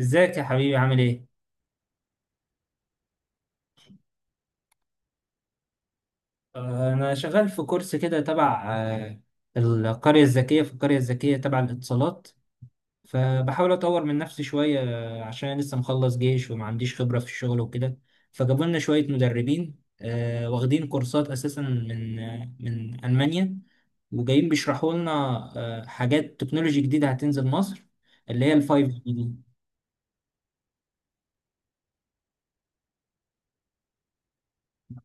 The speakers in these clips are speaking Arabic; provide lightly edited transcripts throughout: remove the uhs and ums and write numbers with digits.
ازيك يا حبيبي؟ عامل ايه؟ انا شغال في كورس كده تبع القرية الذكية. في القرية الذكية تبع الاتصالات، فبحاول اطور من نفسي شوية. عشان أنا لسه مخلص جيش وما عنديش خبرة في الشغل وكده، فجابوا لنا شوية مدربين واخدين كورسات اساسا من من المانيا، وجايين بيشرحوا لنا حاجات تكنولوجي جديدة هتنزل مصر، اللي هي الفايف جي. دي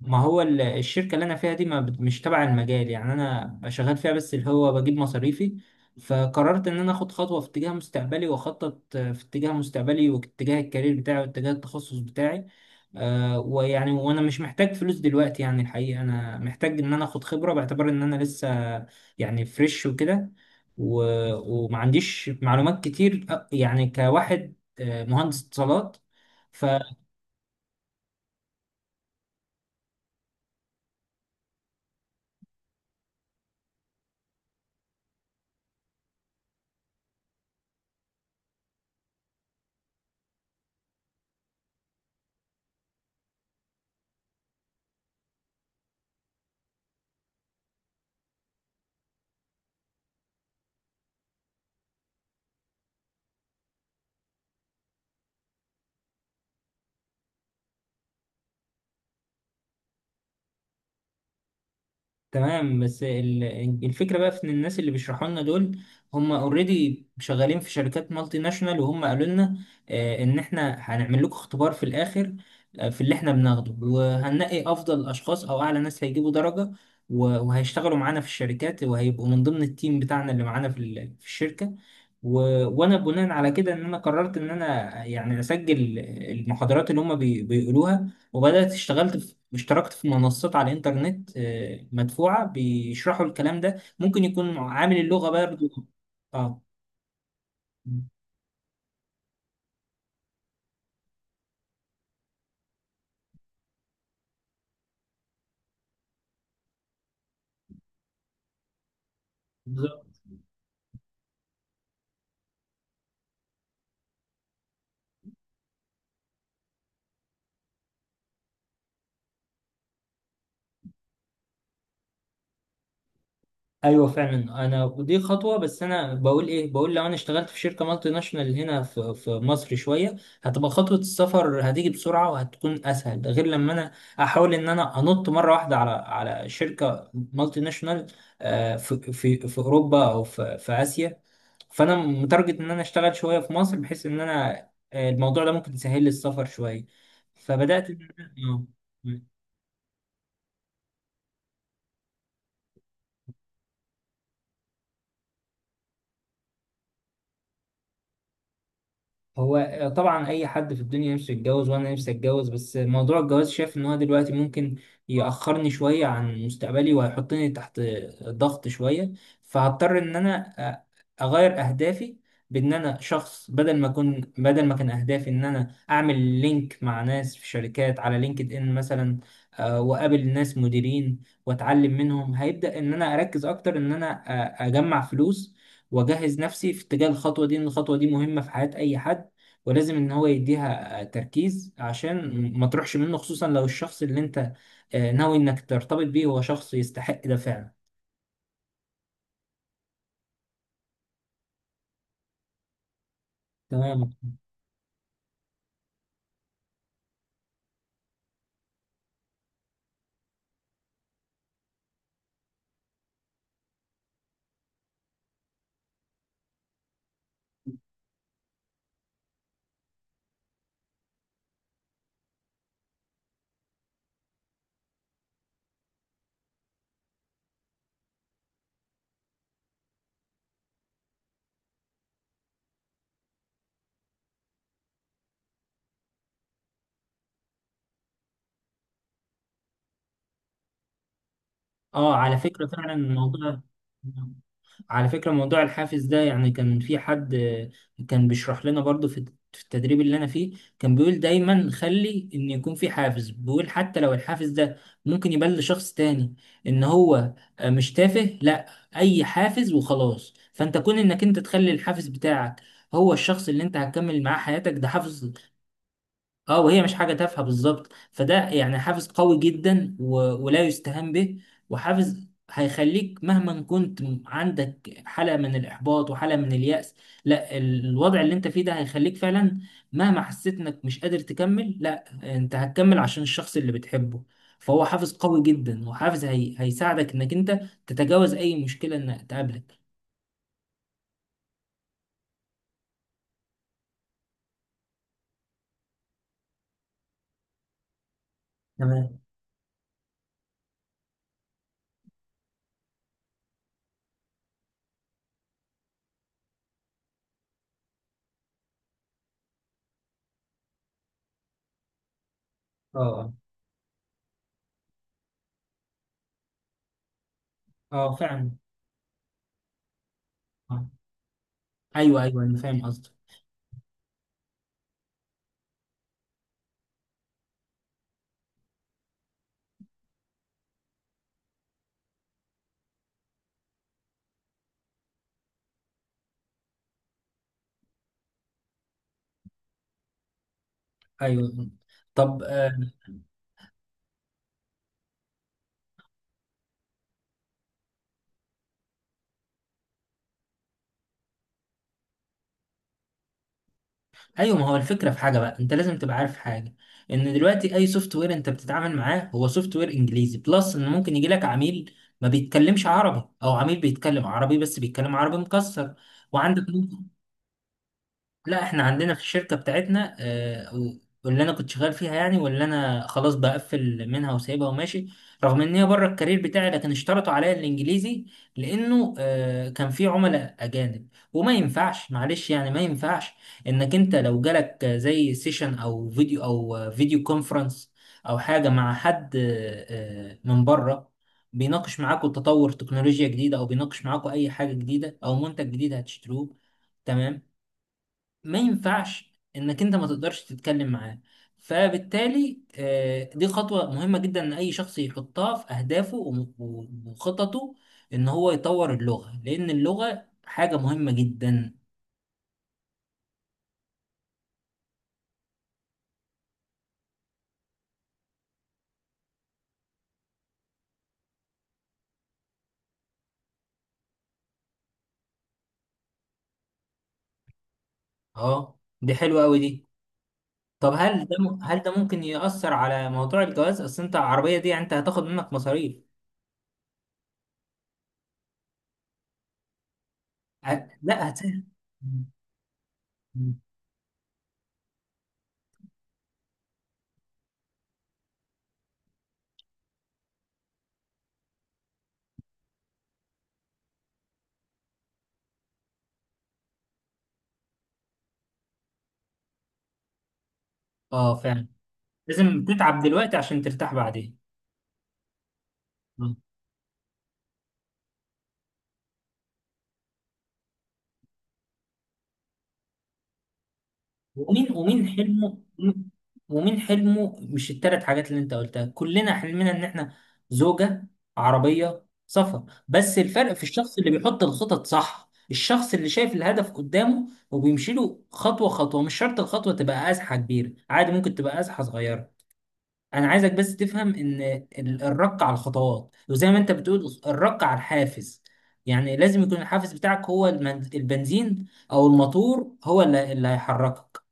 ما هو ال- الشركة اللي أنا فيها دي ما بت- مش تبع المجال، يعني أنا شغال فيها بس اللي هو بجيب مصاريفي، فقررت إن أنا آخد خطوة في اتجاه مستقبلي وأخطط في اتجاه مستقبلي واتجاه الكارير بتاعي واتجاه التخصص بتاعي. آه، ويعني وأنا مش محتاج فلوس دلوقتي، يعني الحقيقة أنا محتاج إن أنا آخد خبرة باعتبار إن أنا لسه يعني فريش وكده، و- ومعنديش معلومات كتير. يعني كواحد مهندس اتصالات. تمام، بس الفكرة بقى في ان الناس اللي بيشرحوا لنا دول هم اوريدي شغالين في شركات مالتي ناشونال، وهم قالوا لنا ان احنا هنعمل لكم اختبار في الاخر في اللي احنا بناخده، وهننقي افضل اشخاص او اعلى ناس هيجيبوا درجة، و- وهيشتغلوا معانا في الشركات، وهيبقوا من ضمن التيم بتاعنا اللي معانا في الشركة. و... وانا بناء على كده ان انا قررت ان انا يعني اسجل المحاضرات اللي هم بيقولوها، وبدأت اشتغلت في اشتركت في منصات على الإنترنت مدفوعة بيشرحوا الكلام ده، ممكن يكون عامل اللغة برضه. اه، ايوه فعلا، انا ودي خطوه، بس انا بقول ايه، بقول لو انا اشتغلت في شركه مالتي ناشونال هنا في مصر شويه، هتبقى خطوه السفر هتيجي بسرعه وهتكون اسهل، ده غير لما انا احاول ان انا انط مره واحده على شركه مالتي ناشونال في اوروبا او في اسيا. فانا متارجت ان انا اشتغل شويه في مصر بحيث ان انا الموضوع ده ممكن يسهل لي السفر شويه. فبدات إن أنا- آه. هو طبعا اي حد في الدنيا نفسه يتجوز، وانا نفسي اتجوز، بس موضوع الجواز شايف ان هو دلوقتي ممكن يأخرني شوية عن مستقبلي، وهيحطني تحت ضغط شوية. فهضطر ان انا اغير اهدافي، بان انا شخص بدل ما اكون، بدل ما كان اهدافي ان انا اعمل لينك مع ناس في شركات على لينكد ان مثلا، واقابل ناس مديرين واتعلم منهم، هيبدأ ان انا اركز اكتر ان انا اجمع فلوس واجهز نفسي في اتجاه الخطوة دي، ان الخطوة دي مهمة في حياة اي حد، ولازم ان هو يديها تركيز عشان ما تروحش منه، خصوصا لو الشخص اللي انت ناوي انك ترتبط بيه هو شخص يستحق ده فعلا. تمام. اه على فكرة فعلا الموضوع، على فكرة موضوع الحافز ده، يعني كان في حد كان بيشرح لنا برضو في في التدريب اللي انا فيه، كان بيقول دايما خلي ان يكون في حافز، بيقول حتى لو الحافز ده ممكن يبان لشخص تاني ان هو مش تافه، لا، اي حافز وخلاص. فانت كون انك انت تخلي الحافز بتاعك هو الشخص اللي انت هتكمل معاه حياتك، ده حافز. اه، وهي مش حاجة تافهة بالظبط، فده يعني حافز قوي جدا ولا يستهان به، وحافز هيخليك مهما كنت عندك حالة من الإحباط وحالة من اليأس، لا، الوضع اللي انت فيه ده هيخليك فعلا مهما حسيت انك مش قادر تكمل، لا انت هتكمل عشان الشخص اللي بتحبه، فهو حافز قوي جدا، وحافز هيساعدك انك انت تتجاوز اي مشكلة انها تقابلك. تمام. اه اه اه فعلا. آه. ايوه ايوه، انا فاهم قصدك. ايوه. طب ايوه ما هو الفكره في حاجه بقى انت لازم تبقى عارف حاجه، ان دلوقتي اي سوفت وير انت بتتعامل معاه هو سوفت وير انجليزي، بلس ان ممكن يجي لك عميل ما بيتكلمش عربي، او عميل بيتكلم عربي بس بيتكلم عربي مكسر. وعندك، لا احنا عندنا في الشركة بتاعتنا آه، و- واللي انا كنت شغال فيها، يعني واللي انا خلاص بقفل منها وسايبها وماشي، رغم ان هي بره الكارير بتاعي، لكن اشترطوا عليا الانجليزي لانه كان في عملاء اجانب، وما ينفعش، معلش يعني ما ينفعش انك انت لو جالك زي سيشن او فيديو او فيديو كونفرنس او حاجة مع حد، من بره بيناقش معاكوا تطور تكنولوجيا جديدة، او بيناقش معاكوا اي حاجة جديدة او منتج جديد هتشتروه. تمام. ما ينفعش انك انت ما تقدرش تتكلم معاه. فبالتالي دي خطوة مهمة جدا ان اي شخص يحطها في اهدافه وخططه، ان هو يطور اللغة، لان اللغة حاجة مهمة جدا. اه، دي حلوة قوي دي. طب هل هل ده ممكن يأثر على موضوع الجواز؟ اصل انت العربية دي يعني انت هتاخد منك مصاريف. لا اه فعلا، لازم تتعب دلوقتي عشان ترتاح بعدين. آه. ومين ومين حلمه؟ ومين حلمه؟ مش التلات حاجات اللي انت قلتها كلنا حلمنا ان احنا زوجة، عربية، سفر، بس الفرق في الشخص اللي بيحط الخطط صح، الشخص اللي شايف الهدف قدامه وبيمشي له خطوة خطوة، مش شرط الخطوة تبقى أزحة كبيرة، عادي ممكن تبقى أزحة صغيرة. أنا عايزك بس تفهم إن الرق على الخطوات، وزي ما أنت بتقول، الرق على الحافز، يعني لازم يكون الحافز بتاعك هو البنزين أو الموتور، هو اللي هيحركك.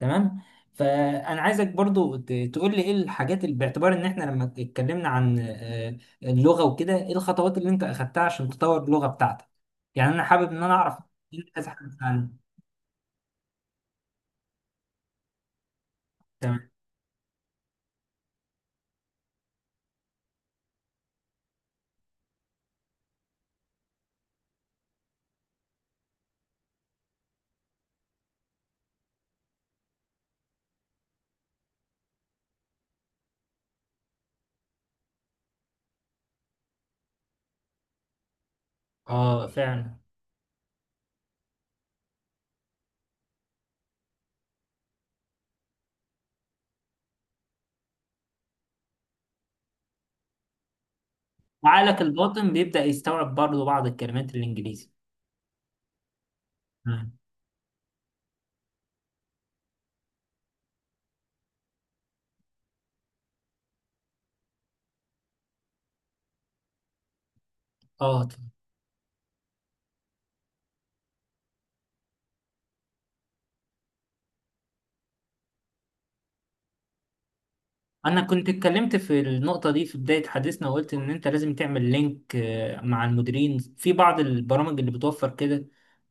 تمام. فانا عايزك برضو تقول لي ايه الحاجات اللي باعتبار ان احنا لما اتكلمنا عن اللغه وكده، ايه الخطوات اللي انت اخدتها عشان تطور اللغه بتاعتك، يعني انا حابب ان انا اعرف إيه كذا حاجه عنها. تمام. اه فعلا، وعقلك الباطن بيبدا يستوعب برضو بعض الكلمات الانجليزي. تمام. اه انا كنت اتكلمت في النقطه دي في بدايه حديثنا، وقلت ان انت لازم تعمل لينك مع المديرين في بعض البرامج اللي بتوفر كده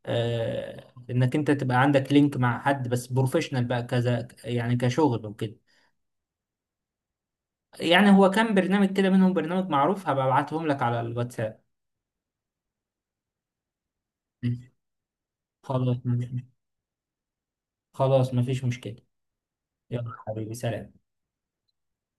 انك انت تبقى عندك لينك مع حد بس بروفيشنال بقى، كذا يعني كشغل وكده. يعني هو كان برنامج كده منهم، برنامج معروف، هبقى ابعتهم لك على الواتساب. ماشي. خلاص ماشي. خلاص مفيش مشكله. يلا حبيبي، سلام.